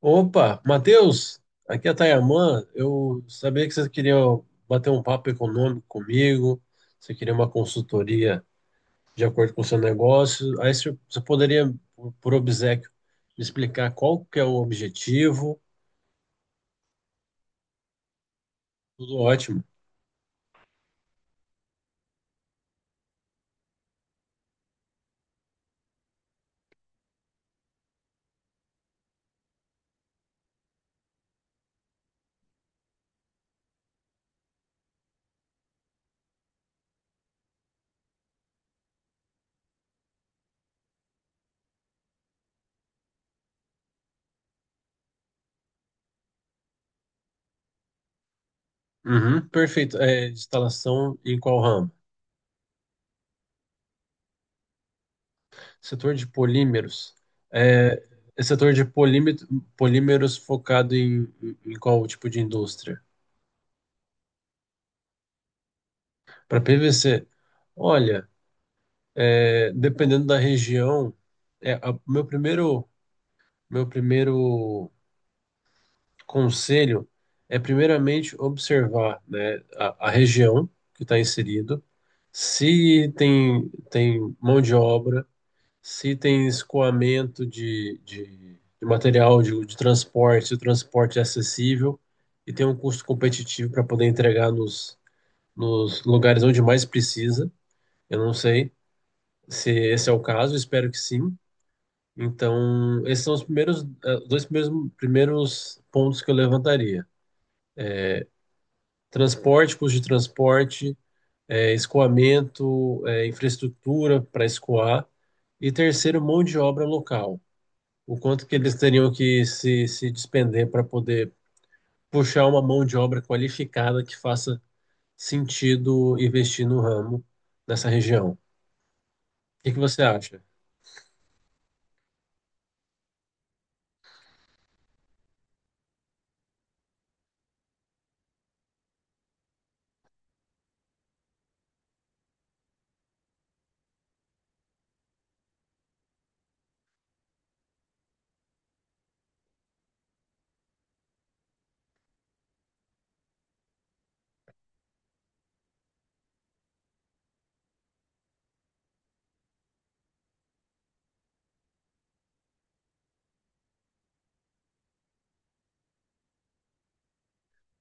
Opa, Matheus, aqui é a Tayamã. Eu sabia que você queria bater um papo econômico comigo, você queria uma consultoria de acordo com o seu negócio. Aí você poderia, por obséquio, me explicar qual que é o objetivo. Tudo ótimo. Uhum, perfeito. Instalação em qual ramo? Setor de polímeros. É, setor de polímeros focado em, em qual tipo de indústria? Para PVC. É, dependendo da região, é, a- meu primeiro, meu primeiro conselho é primeiramente observar, né, a região que está inserido, se tem, tem mão de obra, se tem escoamento de material de transporte, se o transporte é acessível e tem um custo competitivo para poder entregar nos lugares onde mais precisa. Eu não sei se esse é o caso, espero que sim. Então, esses são os primeiros, primeiros pontos que eu levantaria. Transporte, custo de transporte, escoamento, infraestrutura para escoar. E terceiro, mão de obra local. O quanto que eles teriam que se despender para poder puxar uma mão de obra qualificada que faça sentido investir no ramo nessa região. O que que você acha?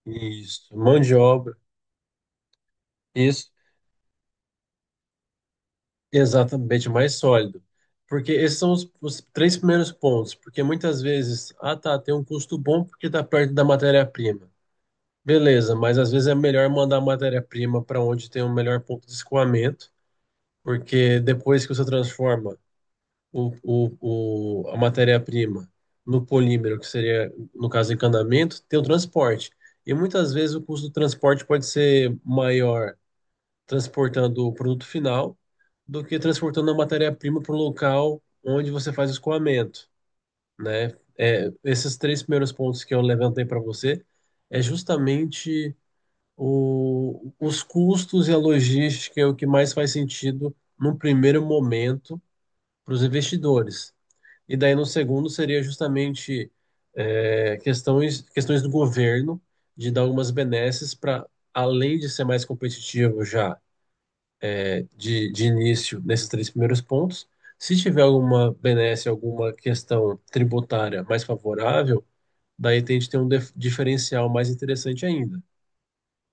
Isso, mão de obra. Isso. Exatamente, mais sólido. Porque esses são os três primeiros pontos. Porque muitas vezes, ah tá, tem um custo bom porque está perto da matéria-prima. Beleza, mas às vezes é melhor mandar a matéria-prima para onde tem o melhor ponto de escoamento, porque depois que você transforma a matéria-prima no polímero, que seria, no caso, encanamento, tem o transporte. E muitas vezes o custo do transporte pode ser maior transportando o produto final do que transportando a matéria-prima para o local onde você faz o escoamento, né? É, esses três primeiros pontos que eu levantei para você é justamente os custos e a logística é o que mais faz sentido num primeiro momento para os investidores. E daí no segundo seria justamente questões do governo de dar algumas benesses para, além de ser mais competitivo já de início nesses três primeiros pontos. Se tiver alguma benesse, alguma questão tributária mais favorável, daí a gente tem um diferencial mais interessante ainda.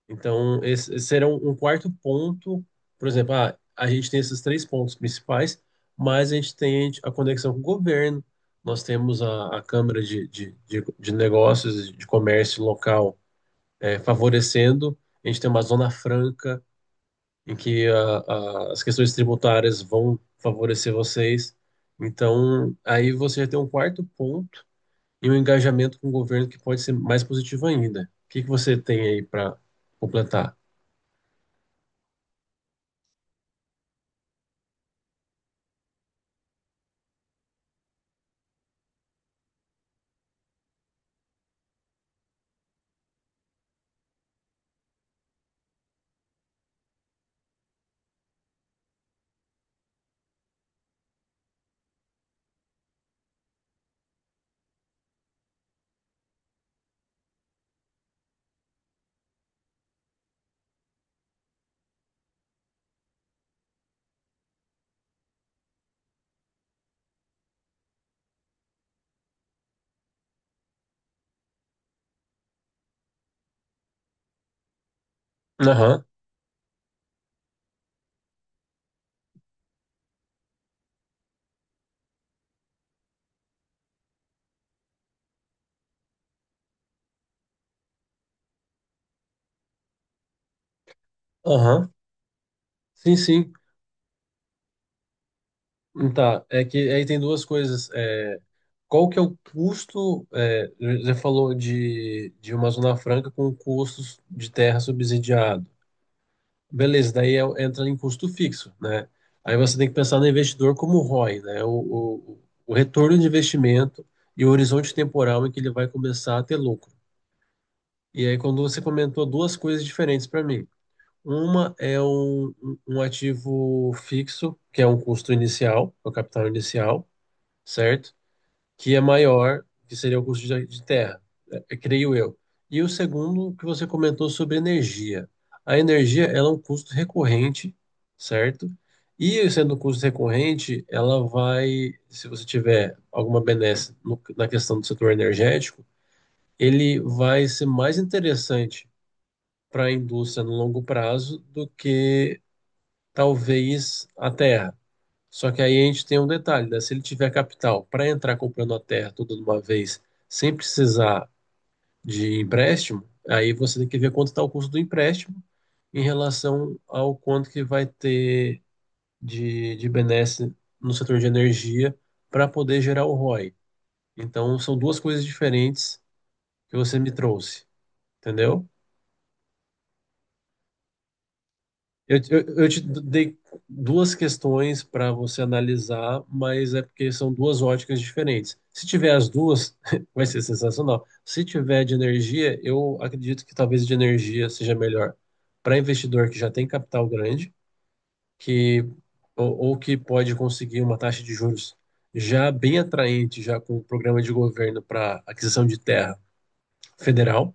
Então, esse será um quarto ponto, por exemplo, ah, a gente tem esses três pontos principais, mas a gente tem a conexão com o governo, nós temos a Câmara de Negócios, de Comércio Local, favorecendo, a gente tem uma Zona Franca, em que as questões tributárias vão favorecer vocês. Então, aí você já tem um quarto ponto e um engajamento com o governo que pode ser mais positivo ainda. O que que você tem aí para completar? Aham. Aham. Sim, sim. Tá, é que aí tem duas coisas. É, qual que é o custo? É, já falou de uma zona franca com custos de terra subsidiado. Beleza, daí entra em custo fixo, né? Aí você tem que pensar no investidor como ROI, né? O, o retorno de investimento e o horizonte temporal em que ele vai começar a ter lucro. E aí, quando você comentou duas coisas diferentes para mim. Uma é um ativo fixo, que é um custo inicial, é o capital inicial, certo? Que é maior, que seria o custo de terra, creio eu. E o segundo que você comentou sobre energia. A energia, ela é um custo recorrente, certo? E sendo um custo recorrente, ela vai, se você tiver alguma benesse na questão do setor energético, ele vai ser mais interessante para a indústria no longo prazo do que talvez a terra. Só que aí a gente tem um detalhe, né? Se ele tiver capital para entrar comprando a terra toda de uma vez, sem precisar de empréstimo, aí você tem que ver quanto está o custo do empréstimo em relação ao quanto que vai ter de benesse no setor de energia para poder gerar o ROI. Então, são duas coisas diferentes que você me trouxe, entendeu? Eu te dei duas questões para você analisar, mas é porque são duas óticas diferentes. Se tiver as duas, vai ser sensacional. Se tiver de energia, eu acredito que talvez de energia seja melhor para investidor que já tem capital grande, que ou que pode conseguir uma taxa de juros já bem atraente, já com o programa de governo para aquisição de terra federal,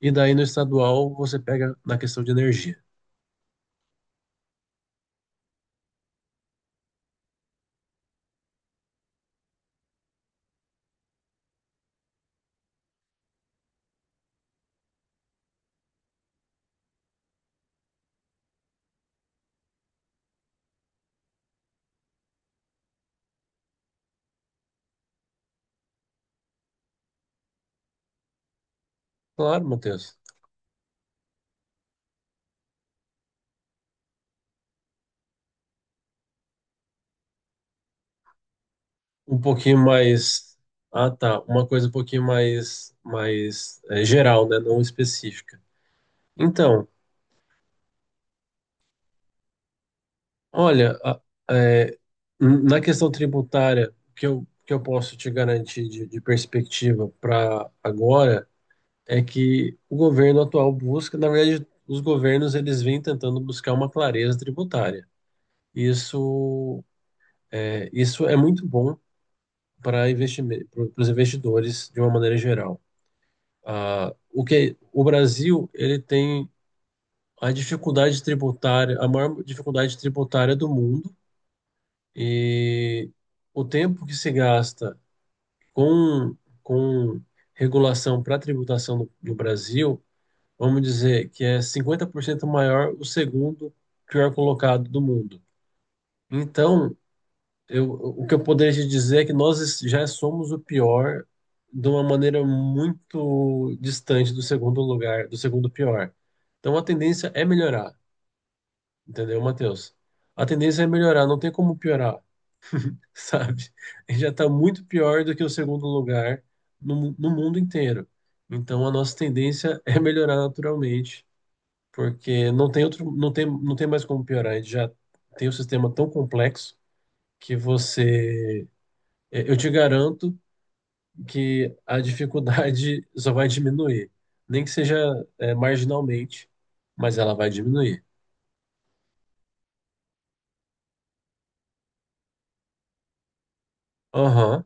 e daí no estadual você pega na questão de energia. Claro, Matheus. Um pouquinho mais. Ah, tá. Uma coisa um pouquinho mais, mais geral, né? Não específica. Então, olha, a- é, na questão tributária, que eu posso te garantir de perspectiva para agora é que o governo atual busca, na verdade, os governos eles vêm tentando buscar uma clareza tributária. Isso isso é muito bom para os investidores de uma maneira geral. Ah, o que o Brasil ele tem a dificuldade tributária, a maior dificuldade tributária do mundo e o tempo que se gasta com com regulação para tributação no Brasil, vamos dizer que é 50% maior o segundo pior colocado do mundo. Então, eu, o que eu poderia te dizer é que nós já somos o pior de uma maneira muito distante do segundo lugar, do segundo pior. Então a tendência é melhorar, entendeu, Matheus? A tendência é melhorar, não tem como piorar, sabe? A gente já está muito pior do que o segundo lugar no, no mundo inteiro. Então a nossa tendência é melhorar naturalmente, porque não tem outro, não tem, não tem mais como piorar. A gente já tem um sistema tão complexo que você eu te garanto que a dificuldade só vai diminuir. Nem que seja, marginalmente, mas ela vai diminuir. Aham,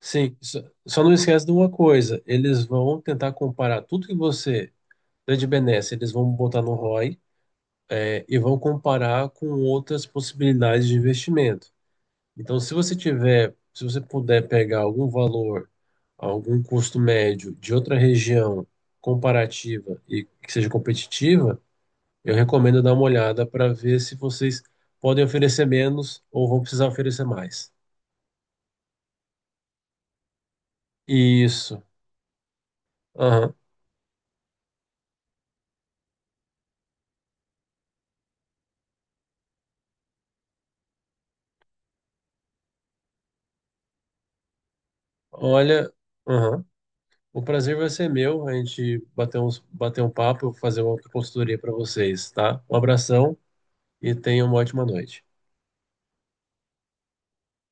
sim. Só não esquece de uma coisa: eles vão tentar comparar tudo que você dá de benesse, eles vão botar no ROI, e vão comparar com outras possibilidades de investimento. Então, se você tiver, se você puder pegar algum valor, algum custo médio de outra região comparativa e que seja competitiva. Eu recomendo dar uma olhada para ver se vocês podem oferecer menos ou vão precisar oferecer mais. Isso. Aham. Olha, aham. O prazer vai ser meu. A gente bater uns, bater um papo, fazer uma consultoria para vocês, tá? Um abração e tenham uma ótima noite.